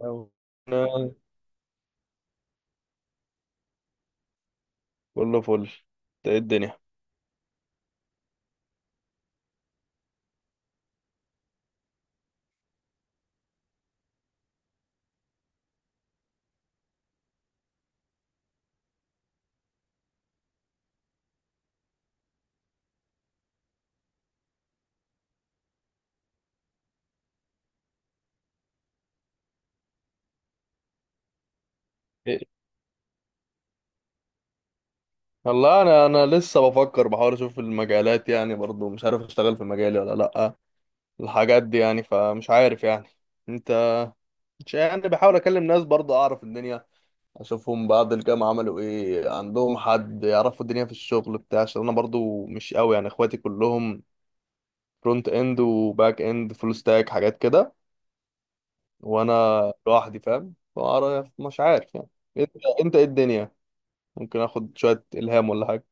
أو- انا كله فل. إنت ايه الدنيا؟ إيه؟ والله انا لسه بفكر، بحاول اشوف المجالات، يعني برضو مش عارف اشتغل في مجالي ولا لا. الحاجات دي يعني، فمش عارف يعني. انت... مش يعني، بحاول اكلم ناس برضو اعرف الدنيا، اشوفهم بعد الجامعة عملوا ايه، عندهم حد يعرفوا الدنيا في الشغل بتاع، عشان انا برضو مش قوي يعني، اخواتي كلهم فرونت اند وباك اند فول ستاك حاجات كده. وانا لوحدي فاهم، مش عارف يعني. انت انت ايه الدنيا؟ ممكن اخد شويه الهام ولا حاجه.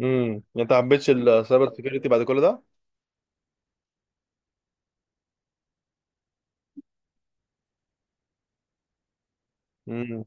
انت ما حبيتش السايبر سيكيورتي بعد كل ده؟ امم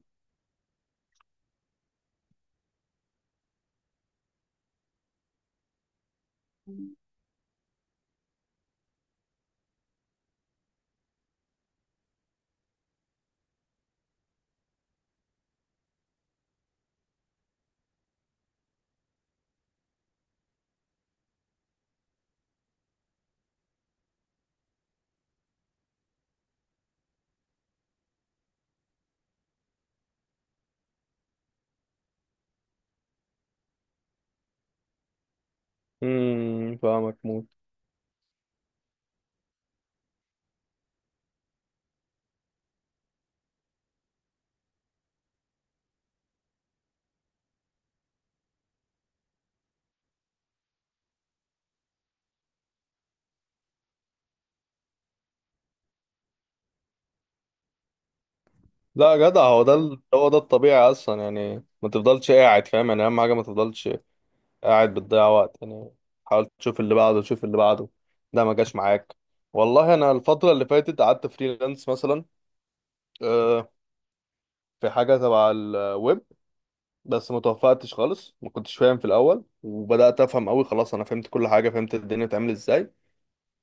فاهمك موت. لا يا جدع، هو ده الطبيعي اصلا يعني، ما تفضلش قاعد فاهم، يعني اهم حاجه ما تفضلش قاعد بتضيع وقت يعني. حاول تشوف اللي بعده، تشوف اللي بعده، ده ما جاش معاك. والله انا الفتره اللي فاتت قعدت فريلانس مثلا، آه، في حاجه تبع الويب. بس ما توفقتش خالص، ما كنتش فاهم في الاول وبدات افهم قوي، خلاص انا فهمت كل حاجه، فهمت الدنيا بتعمل ازاي.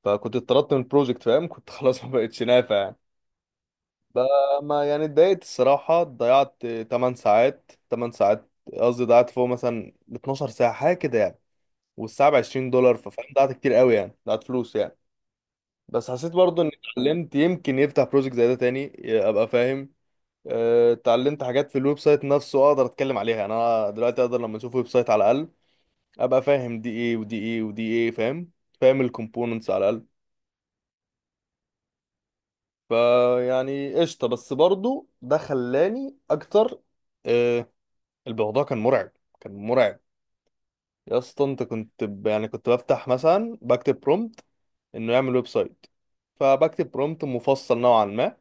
فكنت اتطردت من البروجكت فاهم، كنت خلاص ما بقتش نافع يعني. فما يعني اتضايقت الصراحة، ضيعت 8 ساعات، 8 ساعات قصدي، ضيعت فوق مثلا 12 ساعة حاجة كده يعني، والساعة ب 20 دولار، ففاهم ضيعت كتير قوي يعني، ضيعت فلوس يعني. بس حسيت برضو اني اتعلمت، يمكن يفتح بروجكت زي ده تاني ابقى فاهم. آه، اتعلمت حاجات في الويب سايت نفسه اقدر اتكلم عليها يعني، انا دلوقتي اقدر لما اشوف ويب سايت على الاقل ابقى فاهم دي ايه ودي ايه ودي ايه فاهم، فاهم الكومبوننتس على الاقل. فيعني قشطة، بس برضو ده خلاني أكتر. آه، الموضوع كان مرعب، كان مرعب. يا اسطى أنت يعني كنت بفتح مثلا بكتب برومبت إنه يعمل ويب سايت، فبكتب برومبت مفصل نوعا ما،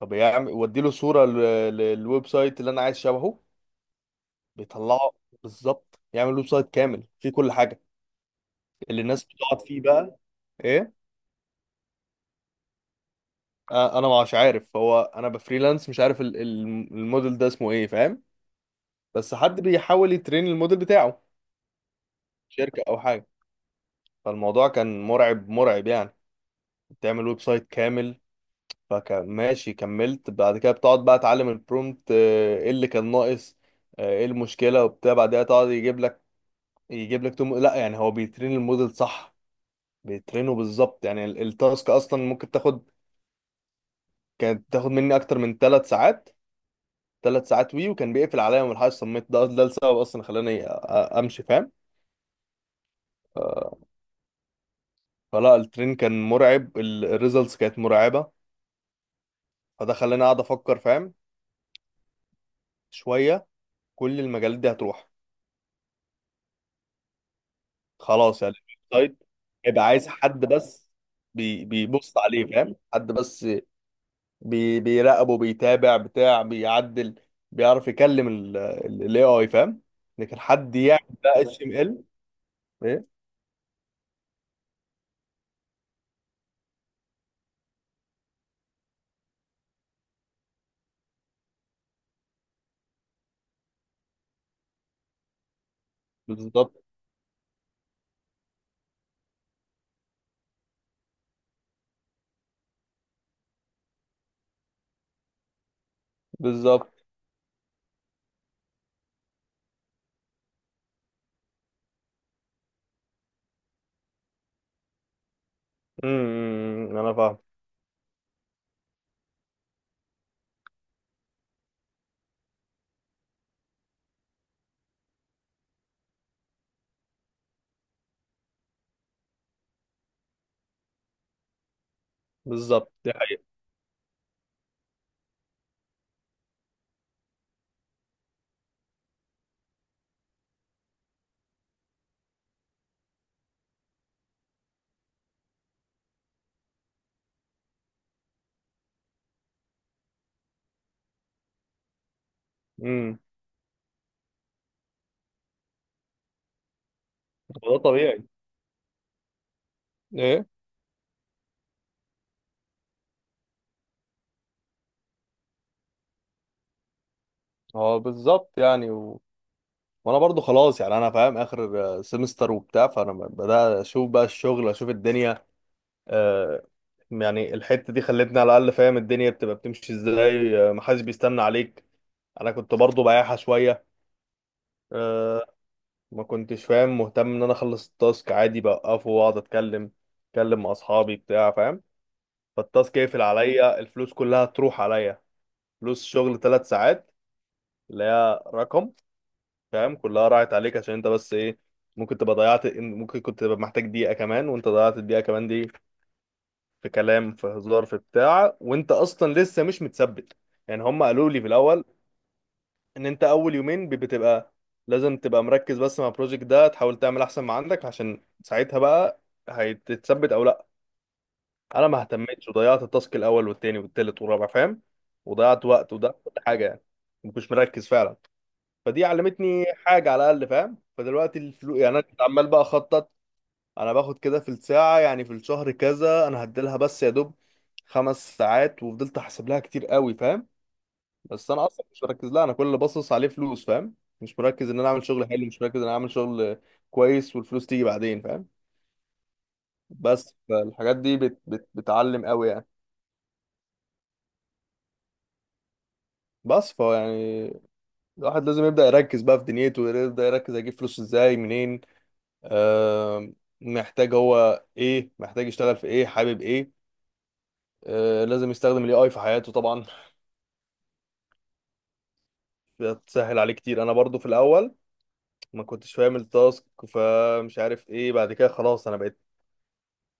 فبيعمل وديله صورة للويب سايت اللي أنا عايز شبهه. بيطلعه بالظبط، يعمل ويب سايت كامل فيه كل حاجة، اللي الناس بتقعد فيه بقى. إيه؟ آه، أنا مش عارف، هو أنا بفريلانس مش عارف الموديل ده اسمه إيه فاهم، بس حد بيحاول يترين الموديل بتاعه، شركة او حاجة. فالموضوع كان مرعب، مرعب يعني، بتعمل ويب سايت كامل. فكان ماشي كملت، بعد كده بتقعد بقى تعلم البرومت، آه، ايه اللي كان ناقص، آه، ايه المشكلة وبتاع، بعدها تقعد يجيب لك، يجيب لك توم لا يعني، هو بيترين الموديل صح، بيترينه بالظبط. يعني التاسك اصلا ممكن تاخد، كانت تاخد مني اكتر من 3 ساعات، 3 ساعات وي، وكان بيقفل عليا من الحاجة الصمت ده، ده السبب اصلا خلاني امشي فاهم. فلا الترين كان مرعب، الريزلتس كانت مرعبة. فده خلاني اقعد افكر فاهم شوية، كل المجالات دي هتروح. خلاص يعني الويب سايت هيبقى عايز حد بس بيبص عليه فاهم، حد بس بيراقبه، بيتابع بتاع، بيعدل، بيعرف يكلم الاي اي فاهم، لكن حد يعمل بقى اتش ام ال. ايه، بالظبط. بالظبط، إمم، إمم، انا فاهم. بالظبط، دي حقيقة. امم ده طبيعي. ايه. اه بالظبط يعني. وانا برضو خلاص يعني، انا فاهم اخر سمستر وبتاع، فانا بدأت اشوف بقى الشغل، اشوف الدنيا. آه، يعني الحتة دي خلتني على الاقل فاهم الدنيا بتبقى بتمشي ازاي، آه، محدش بيستنى عليك. انا كنت برضو بايعها شوية، آه، ما كنتش فاهم مهتم ان انا اخلص التاسك عادي، بوقفه واقعد اتكلم، اتكلم مع اصحابي بتاع فاهم. فالتاسك يقفل عليا، الفلوس كلها تروح عليا. فلوس شغل 3 ساعات، اللي هي رقم فاهم، كلها راحت عليك عشان انت بس ايه، ممكن تبقى ضيعت، ممكن كنت تبقى محتاج دقيقة كمان وانت ضيعت الدقيقة كمان دي في كلام في هزار في بتاع، وانت اصلا لسه مش متثبت. يعني هم قالوا لي في الاول ان انت اول يومين بتبقى لازم تبقى مركز بس مع البروجكت ده، تحاول تعمل احسن ما عندك، عشان ساعتها بقى هتتثبت او لا. انا ما اهتمتش وضيعت التاسك الاول والتاني والتالت والرابع فاهم، وضيعت وقت وضيعت كل حاجة يعني، مش مركز فعلا. فدي علمتني حاجه على الاقل فاهم. فدلوقتي الفلوس يعني، انا كنت عمال بقى اخطط انا باخد كده في الساعه، يعني في الشهر كذا انا هديلها، بس يا دوب 5 ساعات، وفضلت احسب لها كتير قوي فاهم. بس انا اصلا مش مركز لها، انا كل اللي باصص عليه فلوس فاهم، مش مركز ان انا اعمل شغل حلو، مش مركز ان انا اعمل شغل كويس والفلوس تيجي بعدين فاهم. بس فالحاجات دي بت بت بتعلم قوي يعني. بس فهو يعني، الواحد لازم يبدأ يركز بقى في دنيته، يبدأ يركز هيجيب فلوس ازاي منين، آم، محتاج هو ايه، محتاج يشتغل في ايه، حابب ايه. آه، لازم يستخدم الاي اي في حياته طبعا، بتسهل عليه كتير. انا برضو في الاول ما كنتش فاهم التاسك، فمش عارف ايه، بعد كده خلاص انا بقيت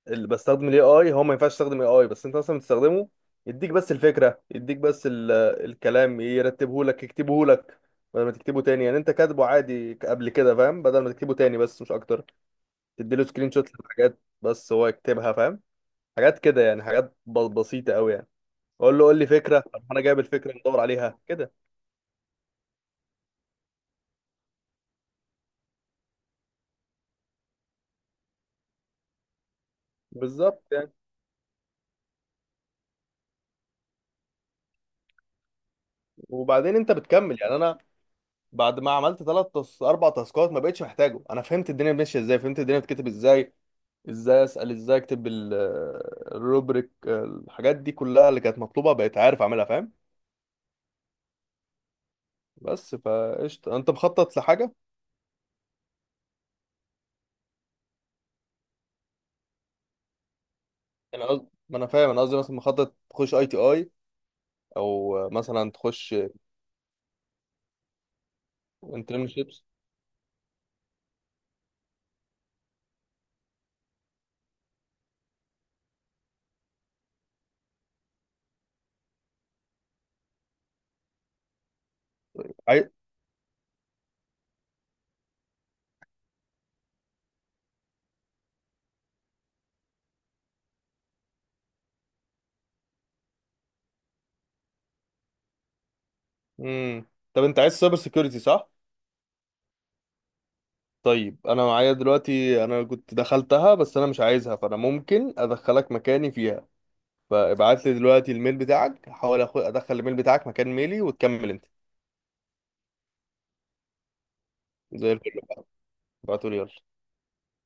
اللي بستخدم الاي اي. هو ما ينفعش يستخدم اي اي بس، انت مثلا بتستخدمه يديك بس الفكره، يديك بس الكلام يرتبه لك يكتبه لك بدل ما تكتبه تاني يعني، انت كاتبه عادي قبل كده فاهم، بدل ما تكتبه تاني بس مش اكتر. تديله سكرين شوت للحاجات بس هو يكتبها فاهم. حاجات كده يعني، حاجات بسيطة قوي يعني، اقول له قول لي فكرة، طب انا جايب الفكرة ندور عليها كده. بالظبط يعني. وبعدين انت بتكمل يعني. انا بعد ما عملت 4 تاسكات ما بقتش محتاجه، انا فهمت الدنيا ماشية ازاي، فهمت الدنيا بتكتب ازاي، ازاي اسأل، ازاي اكتب الروبريك، الحاجات دي كلها اللي كانت مطلوبة بقيت عارف اعملها فاهم. بس فقشطة، انت مخطط لحاجة؟ يعني ما انا فاهم، انا قصدي مثلا مخطط تخش اي تي اي، او مثلا تخش انترنشيبس. امم، طب انت عايز سايبر سيكيورتي صح؟ طيب انا معايا دلوقتي، انا كنت دخلتها بس انا مش عايزها، فانا ممكن ادخلك مكاني فيها. فابعت لي دلوقتي الميل بتاعك، هحاول ادخل الميل بتاعك مكان ميلي وتكمل انت. زي الفل بقى، ابعته لي يلا.